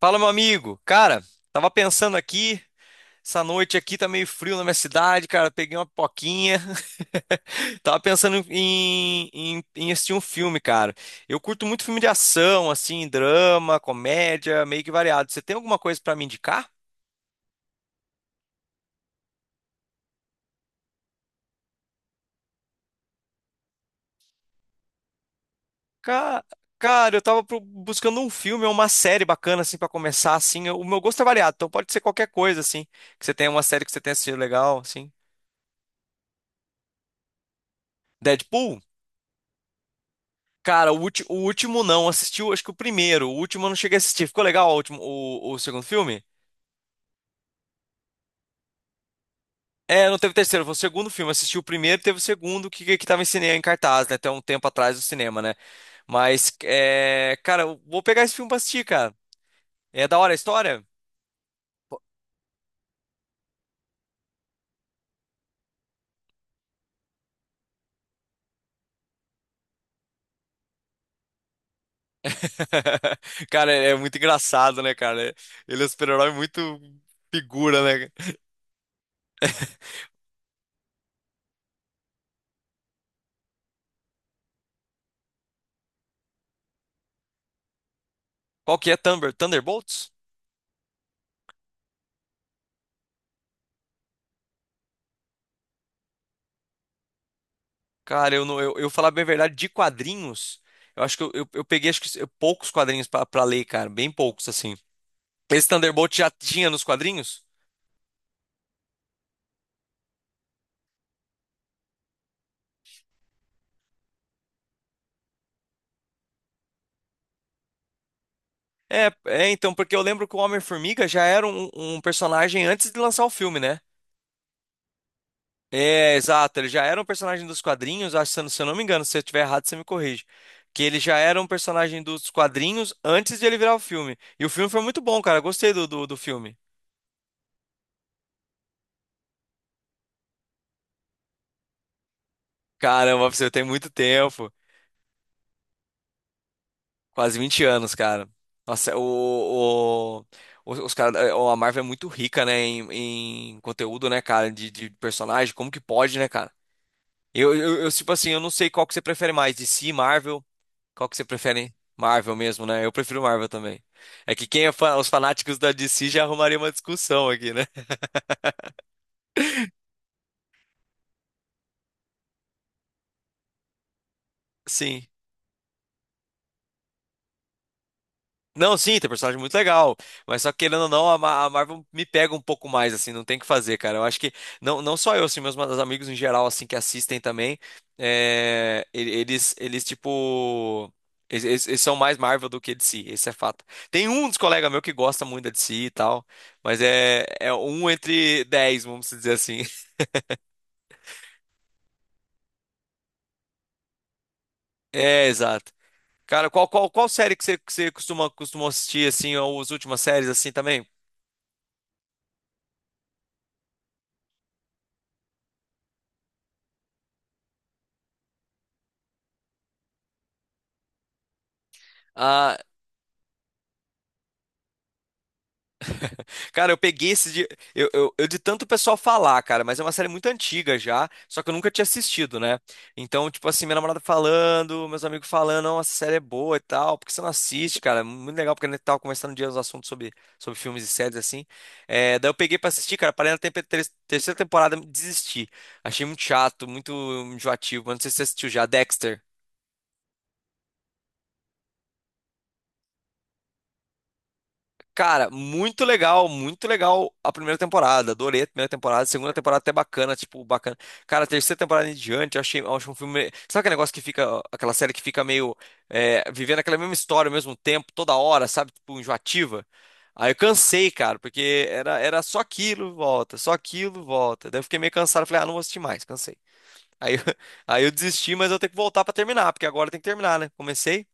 Fala, meu amigo. Cara, tava pensando aqui, essa noite aqui tá meio frio na minha cidade, cara. Peguei uma pipoquinha. Tava pensando em assistir um filme, cara. Eu curto muito filme de ação, assim, drama, comédia, meio que variado. Você tem alguma coisa pra me indicar? Ca- Cara, eu tava buscando um filme ou uma série bacana, assim, pra começar, assim. O meu gosto é variado, então pode ser qualquer coisa, assim. Que você tenha uma série que você tenha assistido legal, assim. Deadpool? Cara, o, o último não, assistiu acho que o primeiro, o último eu não cheguei a assistir. Ficou legal o último, o segundo filme? É, não teve terceiro, foi o segundo filme. Assisti o primeiro, teve o segundo que tava em cinema, em cartaz, né? Até um tempo atrás do cinema, né? Mas, é, cara, eu vou pegar esse filme pra assistir, cara. É da hora a história? Cara, é muito engraçado, né, cara? Ele é um super-herói muito figura, né? Qual que é Thunder? Thunderbolts? Cara, eu, não, eu falar bem a verdade, de quadrinhos, eu acho que eu peguei acho que, poucos quadrinhos pra ler, cara, bem poucos, assim. Esse Thunderbolt já tinha nos quadrinhos? É, é, então, porque eu lembro que o Homem-Formiga já era um personagem antes de lançar o filme, né? É, exato, ele já era um personagem dos quadrinhos, acho, se eu não se eu não me engano, se eu estiver errado, você me corrige. Que ele já era um personagem dos quadrinhos antes de ele virar o filme. E o filme foi muito bom, cara, eu gostei do filme. Caramba, pra você tem muito tempo. Quase 20 anos, cara. Nossa, o- os cara, a Marvel é muito rica, né, em, em conteúdo, né, cara, de personagem. Como que pode, né, cara? Tipo assim, eu não sei qual que você prefere mais, DC, Marvel. Qual que você prefere? Marvel mesmo, né? Eu prefiro Marvel também. É que quem é fã, os fanáticos da DC já arrumaria uma discussão aqui, né? Sim. Não, sim, tem personagem muito legal, mas só que, querendo ou não, a a Marvel me pega um pouco mais, assim, não tem o que fazer, cara. Eu acho que, não, não só eu, assim, meus amigos em geral, assim, que assistem também, é, e- eles, tipo, eles- eles são mais Marvel do que DC, esse é fato. Tem um dos colegas meu que gosta muito da DC e tal, mas é, é um entre dez, vamos dizer assim. É, exato. Cara, qual série que você costuma, costuma assistir, assim, ou as últimas séries, assim, também? Ah, Cara, eu peguei esse dia. Eu de tanto pessoal falar, cara, mas é uma série muito antiga já, só que eu nunca tinha assistido, né? Então, tipo assim, minha namorada falando, meus amigos falando, não, essa série é boa e tal, por que você não assiste, cara? É muito legal, porque a gente tava conversando um dia os assuntos sobre, sobre filmes e séries, assim. É, daí eu peguei pra assistir, cara, parei na terceira temporada, e desisti. Achei muito chato, muito enjoativo, mas não sei se você assistiu já, Dexter. Cara, muito legal a primeira temporada. Adorei a primeira temporada, a segunda temporada é até bacana, tipo, bacana. Cara, a terceira temporada em diante, eu achei, eu acho um filme. Sabe aquele negócio que fica, aquela série que fica meio é, vivendo aquela mesma história ao mesmo tempo, toda hora, sabe? Tipo, enjoativa. Aí eu cansei, cara, porque era, era só aquilo, volta, só aquilo, volta. Daí eu fiquei meio cansado, falei, ah, não vou assistir mais, cansei. Aí, eu- aí eu desisti, mas eu tenho que voltar pra terminar, porque agora tem que terminar, né? Comecei,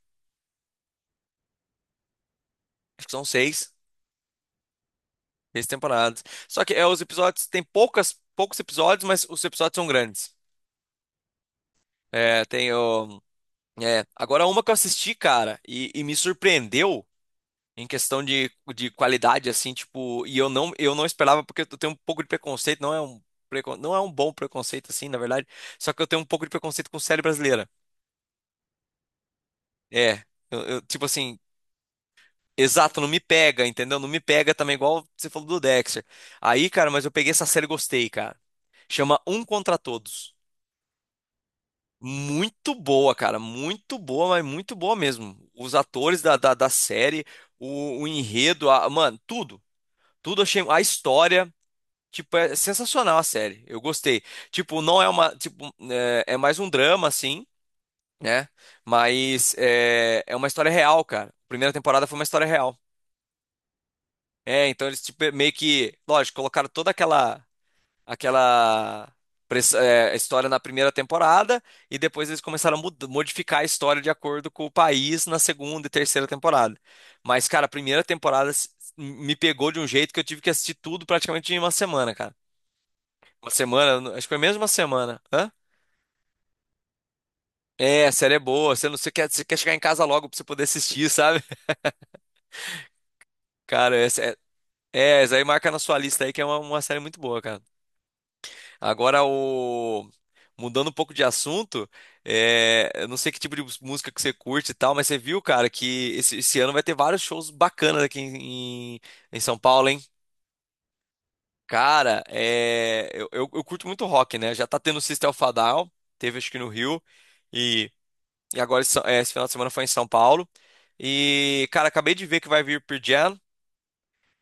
acho que são seis. Três temporadas. Só que é, os episódios tem poucas, poucos episódios, mas os episódios são grandes. É, tem o. É, agora uma que eu assisti, cara, e me surpreendeu em questão de qualidade, assim, tipo, e eu não esperava, porque eu tenho um pouco de preconceito, não é um, não é um bom preconceito, assim, na verdade. Só que eu tenho um pouco de preconceito com série brasileira. É, tipo assim, exato, não me pega, entendeu? Não me pega também, igual você falou do Dexter. Aí, cara, mas eu peguei essa série e gostei, cara. Chama Um Contra Todos. Muito boa, cara. Muito boa, mas muito boa mesmo. Os atores da série, o enredo, a- mano, tudo. Tudo eu achei. A história, tipo, é sensacional a série. Eu gostei. Tipo, não é uma. Tipo, é, é mais um drama, assim, né? Mas é, é uma história real, cara. A primeira temporada foi uma história real. É, então eles, tipo, meio que. Lógico, colocaram toda aquela. Aquela é, história na primeira temporada e depois eles começaram a modificar a história de acordo com o país na segunda e terceira temporada. Mas, cara, a primeira temporada me pegou de um jeito que eu tive que assistir tudo praticamente em uma semana, cara. Uma semana, acho que foi menos de uma semana. Hã? É, a série é boa, você não você quer, você quer chegar em casa logo pra você poder assistir, sabe? Cara, essa é, é, essa aí marca na sua lista aí que é uma série muito boa, cara. Agora o mudando um pouco de assunto, é, eu não sei que tipo de música que você curte e tal, mas você viu, cara, que esse ano vai ter vários shows bacanas aqui em São Paulo, hein? Cara, é, eu curto muito rock, né? Já tá tendo o System of a Down, teve acho que no Rio, e, e agora esse, é, esse final de semana foi em São Paulo. E, cara, acabei de ver que vai vir Pearl Jam,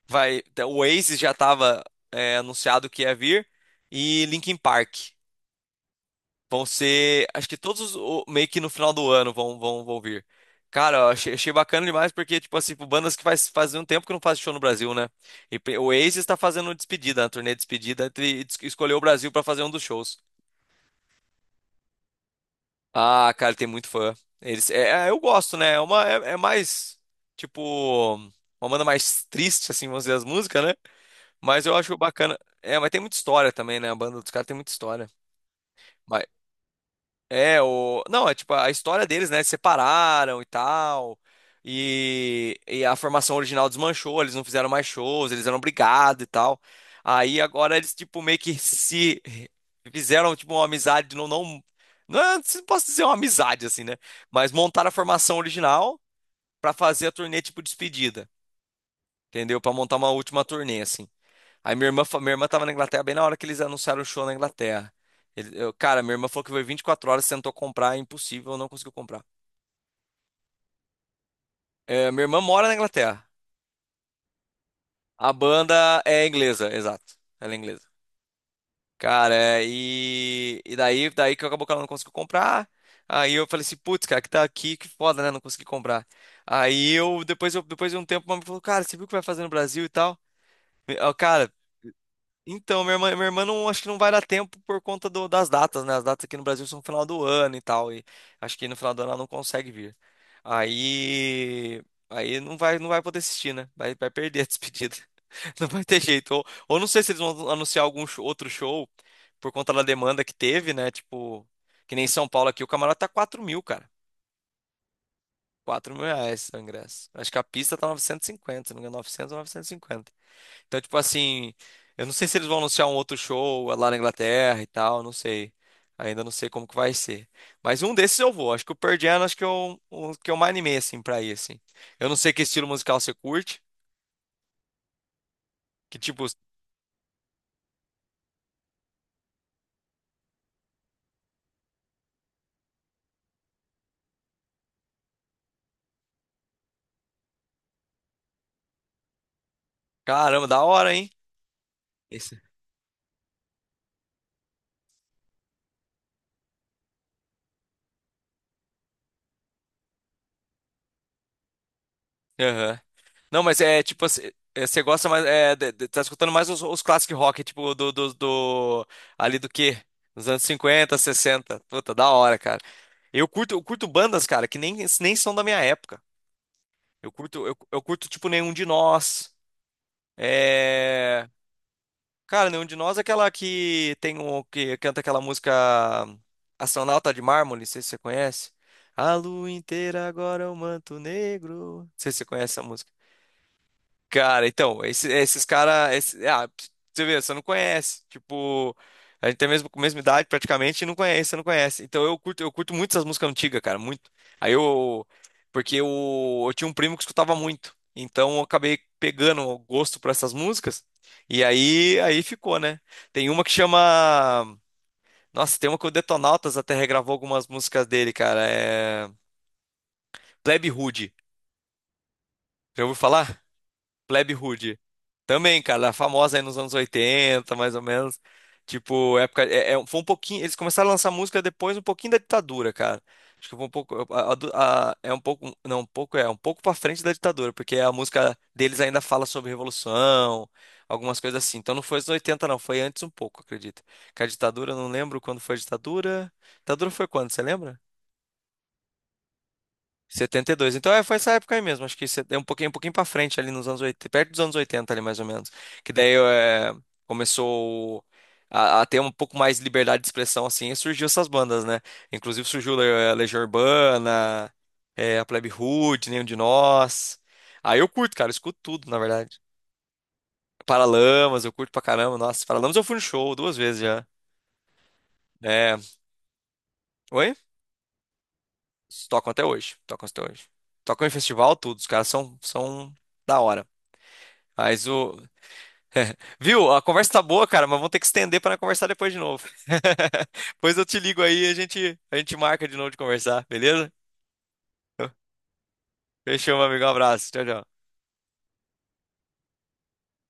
vai, o Oasis já tava é, anunciado que ia vir, e Linkin Park. Vão ser, acho que todos os, o- meio que no final do ano vão, vão, vão vir. Cara, eu achei, achei bacana demais porque, tipo assim, pro bandas que faz, faz um tempo que não faz show no Brasil, né? E o Oasis está fazendo despedida, uma turnê de despedida, e escolheu o Brasil para fazer um dos shows. Ah, cara, ele tem muito fã. Eles, é, é, eu gosto, né? É uma, é, é mais, tipo, uma banda mais triste, assim, vamos dizer, as músicas, né? Mas eu acho bacana. É, mas tem muita história também, né? A banda dos caras tem muita história. É, o... Não, é tipo a história deles, né? Separaram e tal. E a formação original desmanchou, eles não fizeram mais shows, eles eram brigados e tal. Aí agora eles, tipo, meio que se fizeram, tipo, uma amizade, não, não, não, é- não posso dizer uma amizade, assim, né? Mas montaram a formação original pra fazer a turnê, tipo, despedida, entendeu? Pra montar uma última turnê, assim. Aí minha irmã, minha irmã tava na Inglaterra bem na hora que eles anunciaram o show na Inglaterra. Cara, minha irmã falou que foi 24 horas, tentou comprar, é impossível, não conseguiu comprar. É, minha irmã mora na Inglaterra. A banda é inglesa, exato. Ela é inglesa. Cara, é, e daí que acabou que ela não conseguiu comprar. Aí eu falei assim, putz, cara, que tá aqui, que foda, né? Não consegui comprar. Aí eu, depois de um tempo, a mamãe falou, cara, você viu o que vai fazer no Brasil e tal? Eu, cara, então, minha irmã não, acho que não vai dar tempo por conta do- das datas, né? As datas aqui no Brasil são no final do ano e tal, e acho que no final do ano ela não consegue vir. Aí, aí não vai, não vai poder assistir, né? Vai, vai perder a despedida. Não vai ter jeito. Ou não sei se eles vão anunciar algum outro show por conta da demanda que teve, né? Tipo, que nem em São Paulo aqui, o camarote tá 4 mil, cara. 4 mil reais o ingresso. Acho que a pista tá 950, se não me engano, 900 ou 950? Então, tipo assim, eu não sei se eles vão anunciar um outro show lá na Inglaterra e tal, não sei. Ainda não sei como que vai ser. Mas um desses eu vou. Acho que o Pearl Jam, acho que eu, o que eu mais animei, assim, pra ir, assim. Eu não sei que estilo musical você curte. Que, tipo, caramba, da hora, hein? Esse. Aham. Não, mas é, tipo, assim, é, você gosta mais, é, tá escutando mais os classic rock, tipo, do, ali do quê? Dos anos 50, 60. Puta, da hora, cara. Eu curto bandas, cara, que nem, nem são da minha época. Eu curto, tipo, Nenhum de Nós. É... Cara, Nenhum de Nós é aquela que tem um, que canta aquela música Astronauta de Mármore, não sei se você conhece. A lua inteira agora é um manto negro. Não sei se você conhece essa música. Cara, então, esses caras. Ah, pra você vê, você não conhece. Tipo, a gente tem a mesma idade praticamente e não conhece, você não conhece. Então eu curto muito essas músicas antigas, cara, muito. Aí eu. Porque eu tinha um primo que escutava muito. Então eu acabei pegando o gosto por essas músicas. E aí, aí ficou, né? Tem uma que chama. Nossa, tem uma que o Detonautas até regravou algumas músicas dele, cara. É. Plebe Rude. Já ouviu falar? Plebe Rude. Também, cara, famosa aí nos anos 80, mais ou menos. Tipo, época. Foi um pouquinho. Eles começaram a lançar música depois, um pouquinho da ditadura, cara. Acho que foi um pouco. É um pouco. Não, um pouco é, um pouco pra frente da ditadura, porque a música deles ainda fala sobre revolução, algumas coisas assim. Então não foi os 80, não, foi antes um pouco, acredito. Que a ditadura, eu não lembro quando foi a ditadura. Ditadura foi quando, você lembra? 72. Então é, foi essa época aí mesmo. Acho que é um pouquinho para frente ali nos anos 80 perto dos anos 80 ali mais ou menos. Que daí é, começou a ter um pouco mais de liberdade de expressão assim e surgiu essas bandas, né? Inclusive surgiu é, Legião Urbana, é, a Plebe Rude, Nenhum de Nós. Aí eu curto, cara, eu escuto tudo, na verdade. Paralamas, eu curto pra caramba. Nossa, Paralamas eu fui no show 2 vezes já. É. Oi? Tocam até hoje. Tocam até hoje. Tocam em festival, tudo. Os caras são, são da hora. Mas o. Viu? A conversa tá boa, cara, mas vamos ter que estender para conversar depois de novo. Depois eu te ligo aí e a gente marca de novo de conversar, beleza? Fechou, meu amigo. Um abraço. Tchau, tchau.